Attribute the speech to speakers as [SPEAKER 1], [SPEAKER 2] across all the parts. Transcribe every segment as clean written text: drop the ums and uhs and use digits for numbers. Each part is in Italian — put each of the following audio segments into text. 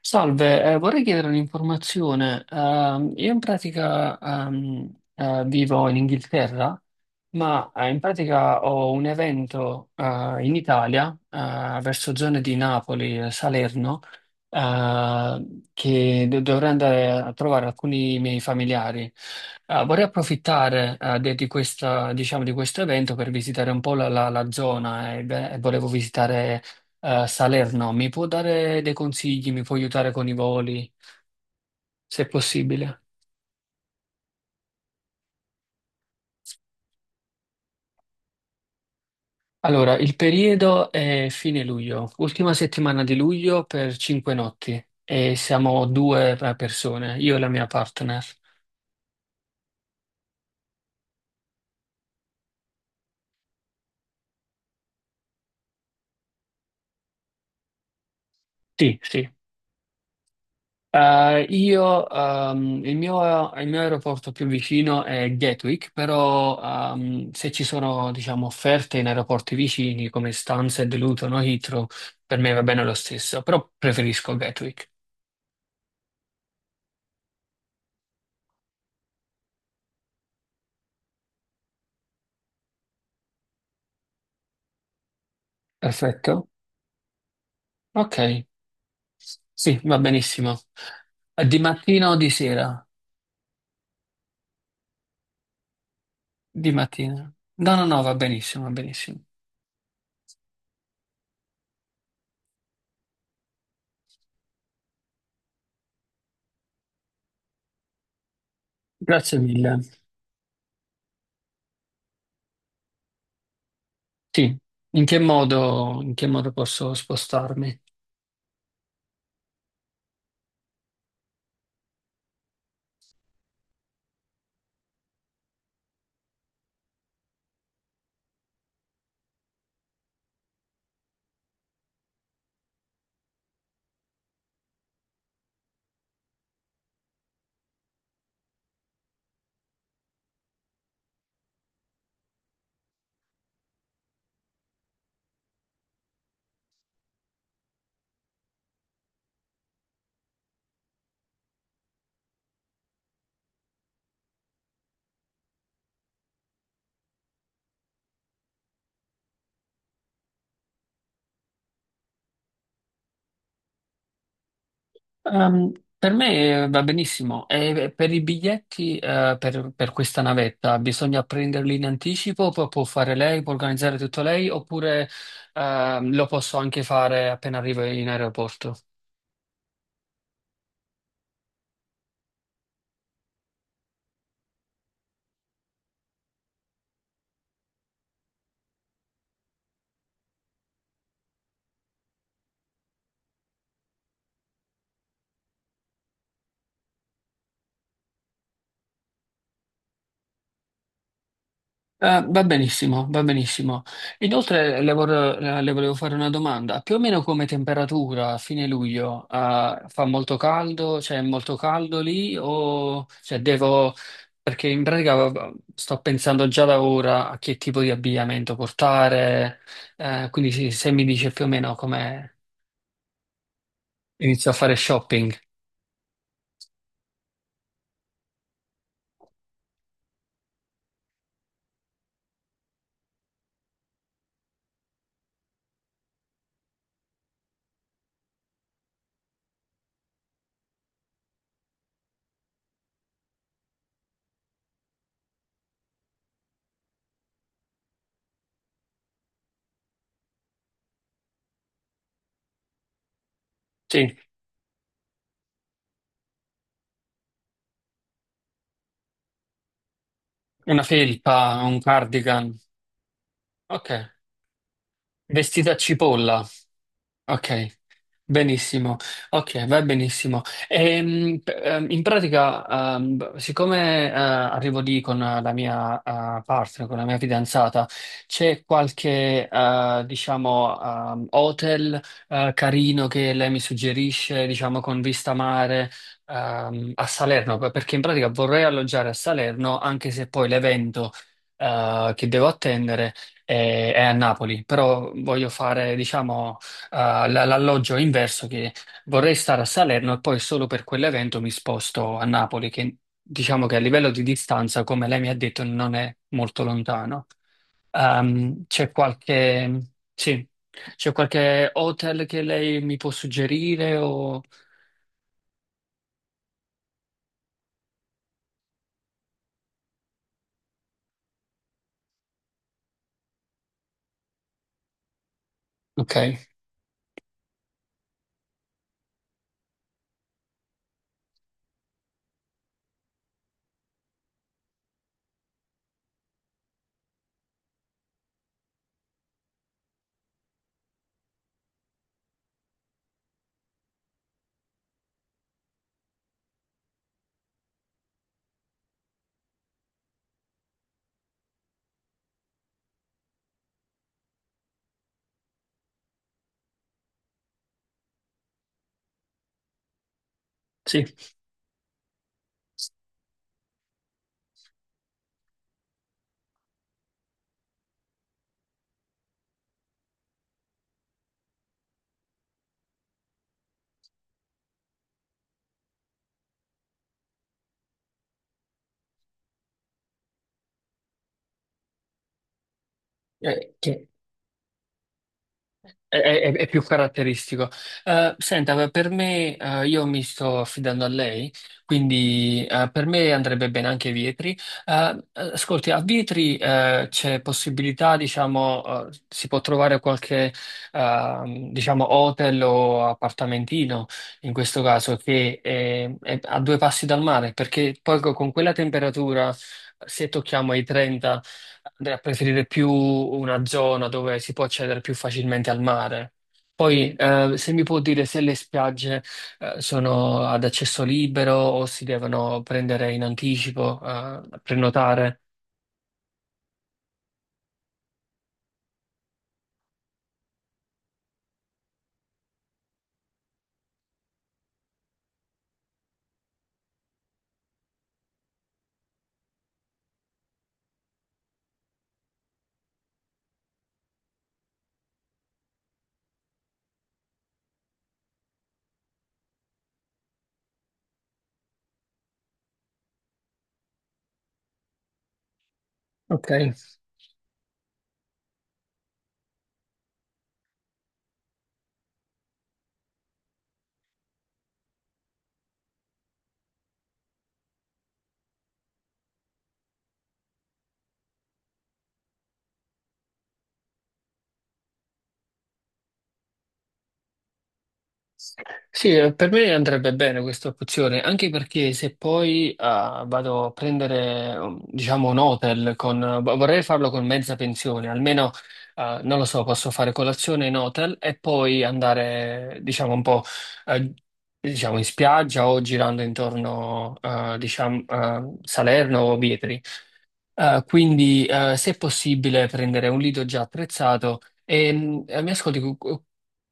[SPEAKER 1] Salve, vorrei chiedere un'informazione. Io in pratica vivo in Inghilterra ma in pratica ho un evento in Italia, verso zone di Napoli, e Salerno, dovrei andare a trovare alcuni miei familiari. Vorrei approfittare di questa, diciamo, di questo evento per visitare un po' la zona e, beh, volevo visitare Salerno. Mi può dare dei consigli? Mi può aiutare con i voli, se è possibile? Allora, il periodo è fine luglio, ultima settimana di luglio per 5 notti e siamo due persone, io e la mia partner. Sì, sì. Io, il mio aeroporto più vicino è Gatwick, però se ci sono, diciamo, offerte in aeroporti vicini come Stansted, Luton o Heathrow, per me va bene lo stesso, però preferisco Gatwick. Perfetto. Ok, sì, va benissimo. Di mattina o di sera? Di mattina. No, no, no, va benissimo, va benissimo. Grazie mille. Sì, in che modo posso spostarmi? Ehm, per me va benissimo. E per i biglietti, per questa navetta, bisogna prenderli in anticipo, poi può fare lei, può organizzare tutto lei, oppure, lo posso anche fare appena arrivo in aeroporto? Va benissimo, va benissimo. Inoltre le volevo fare una domanda. Più o meno come temperatura a fine luglio, fa molto caldo? Cioè è molto caldo lì? O cioè, devo... Perché in pratica sto pensando già da ora a che tipo di abbigliamento portare, quindi sì, se mi dice più o meno come inizio a fare shopping. Sì, una felpa, un cardigan. Ok, vestita a cipolla. Ok, benissimo. Ok, va benissimo. In pratica, siccome arrivo lì con la mia partner, con la mia fidanzata, c'è qualche, diciamo, hotel carino che lei mi suggerisce, diciamo, con vista mare a Salerno, perché in pratica vorrei alloggiare a Salerno, anche se poi l'evento che devo attendere è a Napoli, però voglio fare, diciamo l'alloggio è inverso che vorrei stare a Salerno e poi solo per quell'evento mi sposto a Napoli, che diciamo che a livello di distanza, come lei mi ha detto, non è molto lontano. C'è qualche, sì, c'è qualche hotel che lei mi può suggerire o... Ok, sì. Eh, che- È, è più caratteristico. Senta, ma per me, io mi sto affidando a lei, quindi per me andrebbe bene anche Vietri. Ascolti, a Vietri c'è possibilità, diciamo, si può trovare qualche, diciamo, hotel o appartamentino, in questo caso, è a due passi dal mare, perché poi con quella temperatura, se tocchiamo i 30, andrei a preferire più una zona dove si può accedere più facilmente al mare. Poi, se mi può dire se le spiagge, sono ad accesso libero o si devono prendere in anticipo, prenotare. Ok. Sì, per me andrebbe bene questa opzione, anche perché se poi ah, vado a prendere, diciamo, un hotel vorrei farlo con mezza pensione, almeno, ah, non lo so, posso fare colazione in hotel e poi andare, diciamo, un po', eh, diciamo, in spiaggia o girando intorno, ah, diciamo, a Salerno o Vietri. Se è possibile, prendere un lido già attrezzato e mi ascolti,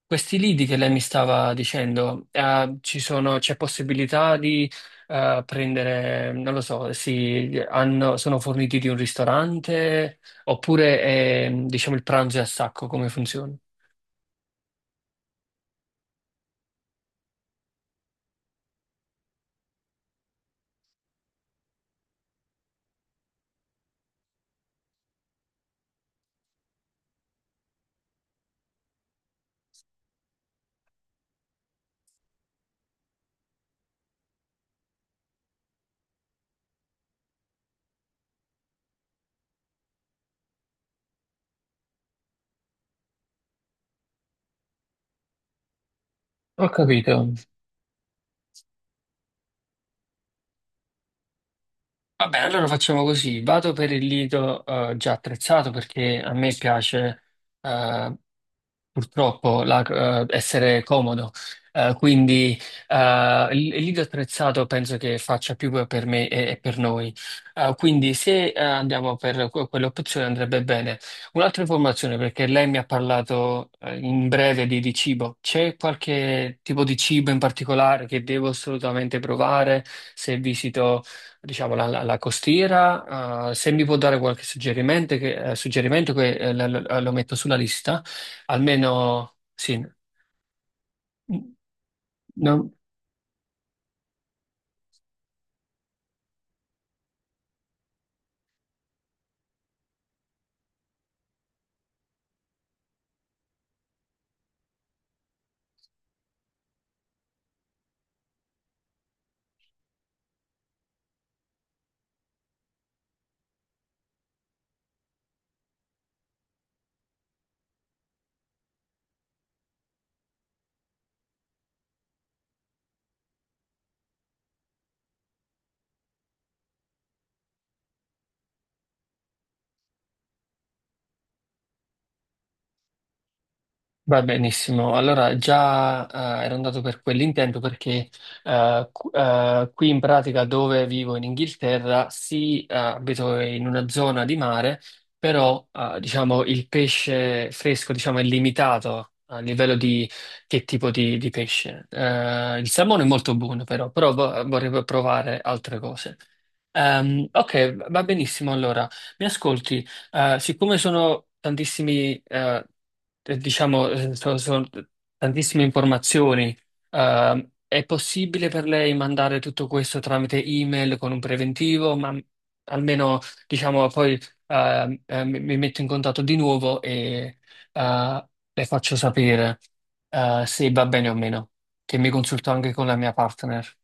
[SPEAKER 1] questi lidi che lei mi stava dicendo, c'è possibilità di prendere, non lo so, si, sono forniti di un ristorante oppure è, diciamo il pranzo è a sacco, come funziona? Ho capito. Vabbè, allora facciamo così. Vado per il lido già attrezzato perché a me piace eh, essere comodo. Quindi il il lido attrezzato penso che faccia più per me e per noi. Quindi se andiamo per quell'opzione andrebbe bene. Un'altra informazione, perché lei mi ha parlato in breve di cibo. C'è qualche tipo di cibo in particolare che devo assolutamente provare se visito, diciamo, la costiera? Se mi può dare qualche suggerimento suggerimento che lo metto sulla lista. Almeno sì, n- non- va benissimo. Allora già ero andato per quell'intento perché qui in pratica dove vivo in Inghilterra, sì, abito in una zona di mare, però diciamo il pesce fresco diciamo, è limitato a livello di che tipo di pesce. Il salmone è molto buono però, però vorrei provare altre cose. Ok, va benissimo allora. Mi ascolti? Siccome sono tantissimi, diciamo, sono, tantissime informazioni, è possibile per lei mandare tutto questo tramite email con un preventivo, ma almeno, diciamo, poi mi metto in contatto di nuovo e le faccio sapere se va bene o meno, che mi consulto anche con la mia partner.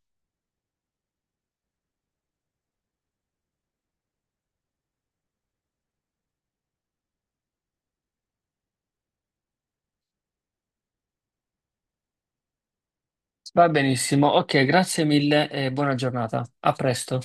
[SPEAKER 1] Va benissimo, ok, grazie mille e buona giornata. A presto.